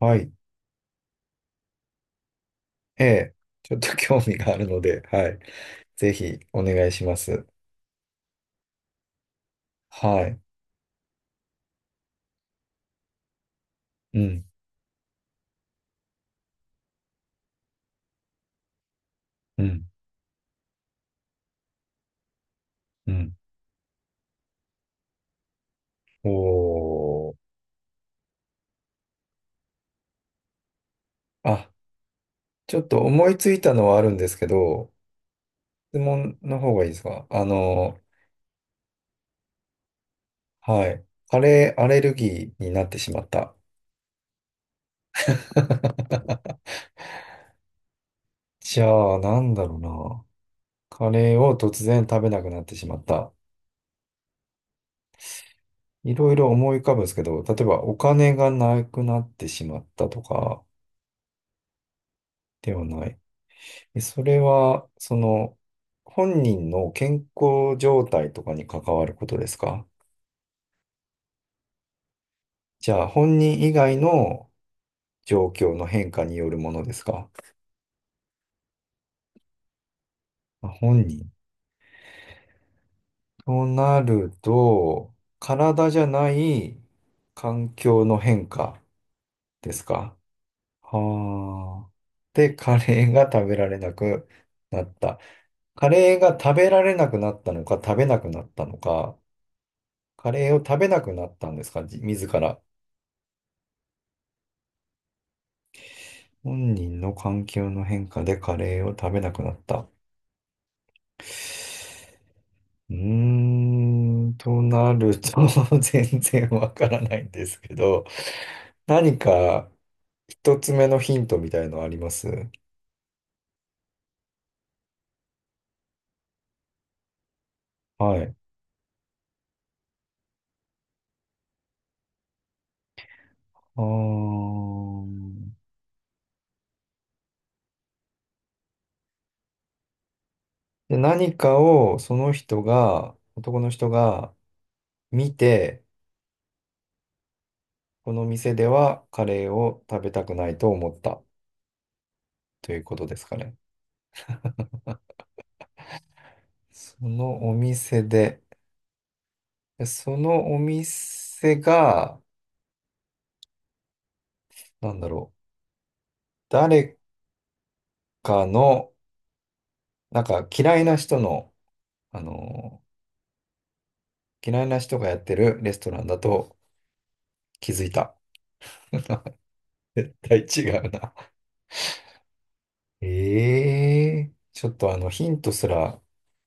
はい。ええ。ちょっと興味があるので、はい。ぜひお願いします。はい。うん、うん、うん。おー。あ、ちょっと思いついたのはあるんですけど、質問の方がいいですか？はい。カレーアレルギーになってしまった。じゃあ、なんだろうな。カレーを突然食べなくなってしまった。いろいろ思い浮かぶんですけど、例えばお金がなくなってしまったとかではない。で、それは、本人の健康状態とかに関わることですか？じゃあ、本人以外の状況の変化によるものですか？あ、本人。となると、体じゃない環境の変化ですか？はあ。で、カレーが食べられなくなった。カレーが食べられなくなったのか、食べなくなったのか、カレーを食べなくなったんですか、自ら。本人の環境の変化でカレーを食べなくなった。うーん、となると 全然わからないんですけど、何か一つ目のヒントみたいのあります？はい。あーで、何かをその人が、男の人が見て、この店ではカレーを食べたくないと思ったということですかね。そのお店で、でそのお店が、なんだろう、誰かの、なんかあの嫌いな人がやってるレストランだと気づいた。絶対違うな。ええ、ちょっとヒントすら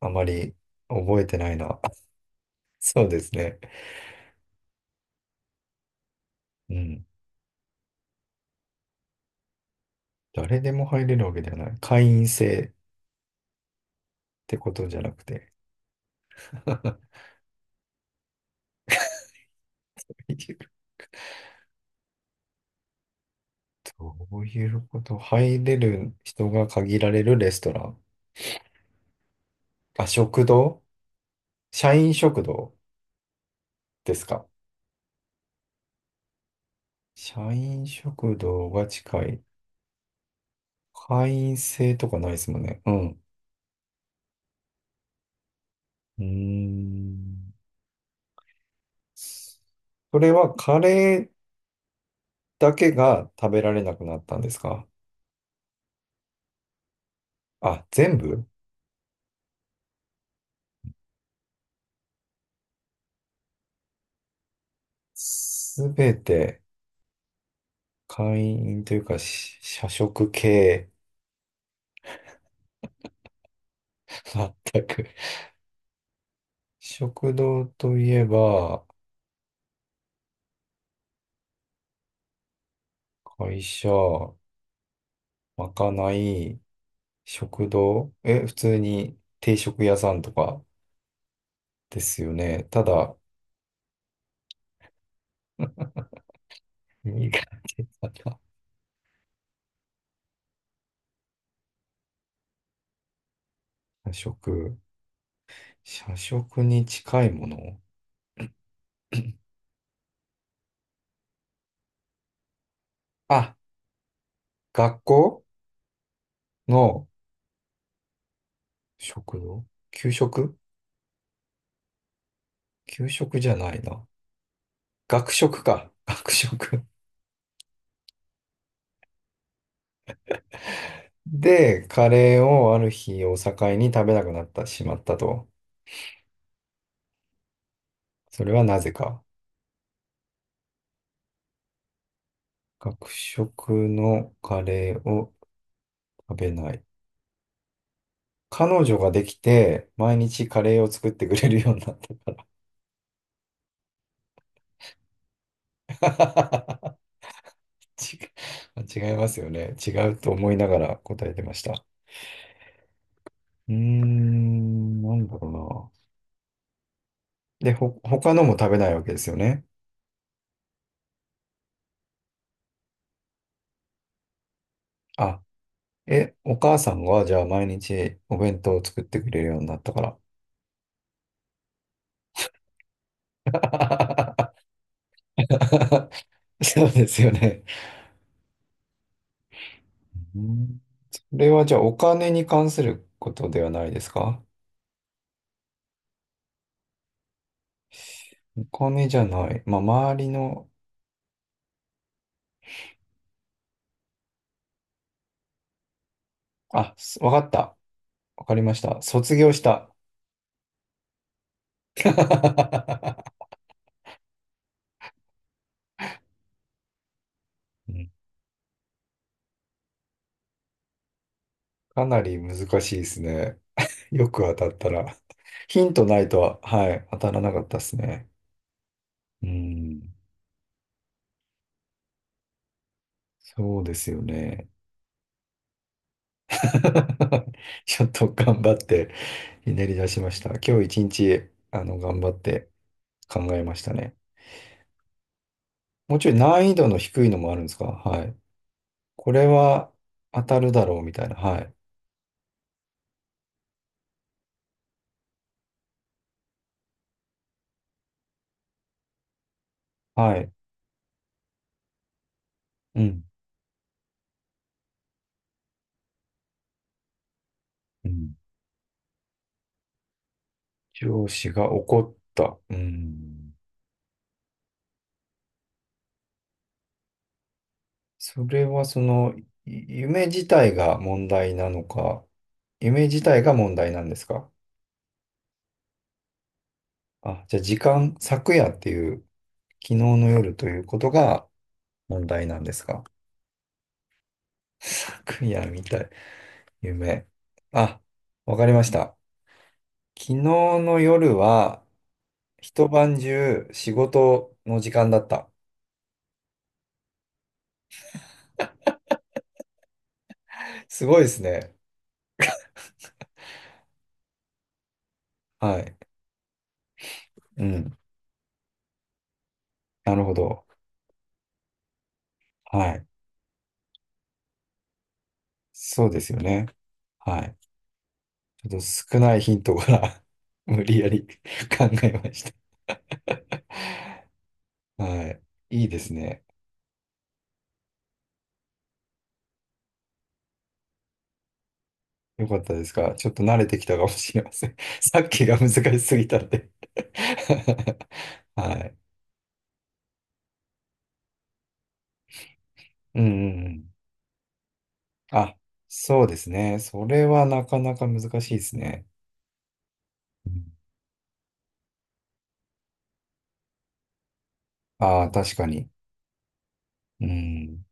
あまり覚えてないな。そうですね。うん。誰でも入れるわけではない。会員制ってことじゃなくて。どういうこと？入れる人が限られるレストラン。あ、食堂、社員食堂ですか？社員食堂が近い。会員制とかないですもんね。うん。うーん。それはカレーだけが食べられなくなったんですか？あ、全部、すべて、会員というか、社食系。全く。食堂といえば、会社、まかない、食堂、普通に定食屋さんとかですよね。ただ、苦手だな。社食。社食に近いもの あ、学校の食堂、給食。給食じゃないな。学食か。学食。で、カレーをある日を境に食べなくなってしまったと。それはなぜか。学食のカレーを食べない。彼女ができて、毎日カレーを作ってくれるようになった。ち、違いますよね。違うと思いながら答えてました。うーん、なんだろうな。で、他のも食べないわけですよね。あ、お母さんはじゃあ毎日お弁当を作ってくれるようになったから。そうですよね。うん、それはじゃあお金に関することではないですか？お金じゃない。まあ、周りの、あ、わかった。わかりました。卒業した。かなり難しいですね。よく当たったら。ヒントないとは、はい、当たらなかったですね。うん。そうですよね。ちょっと頑張って、ひねり出しました。今日一日、頑張って考えましたね。もうちょい難易度の低いのもあるんですか？はい。これは当たるだろうみたいな。はい。はい。うん。うん。上司が怒った。うん。それは夢自体が問題なのか、夢自体が問題なんですか？あ、じゃあ時間、昨夜っていう、昨日の夜ということが問題なんですか？ 昨夜みたい、夢。あ、わかりました。昨日の夜は一晩中仕事の時間だった。すごいですね。はい。うん。なるほど。はい。そうですよね。はい。ちょっと少ないヒントから 無理やり 考えました。はい。いいですね。よかったですか。ちょっと慣れてきたかもしれません。さっきが難しすぎたんで はい。うんうんうん。あ、そうですね。それはなかなか難しいですね。ああー、確かに。うん。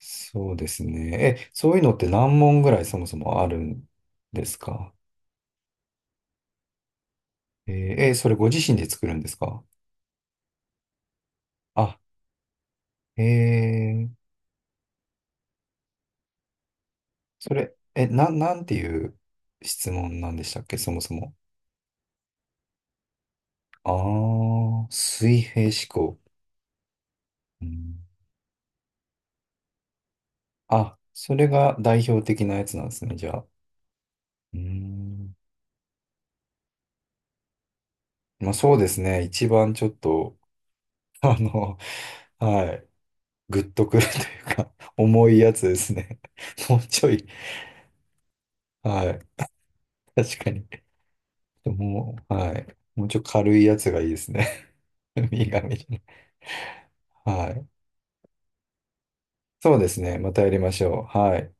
そうですね。え、そういうのって何問ぐらいそもそもあるんですか？えーそれご自身で作るんですか？あ、えそれ、なんていう質問なんでしたっけ、そもそも。ああ、水平思考。うん、あ、それが代表的なやつなんですね、じゃあ。うん。まあそうですね、一番ちょっと、あの、はい、グッとくるというか、重いやつですね。もうちょい、はい、確かに。もう、はい、もうちょい軽いやつがいいですね。右側じゃない。はい。そうですね、またやりましょう。はい。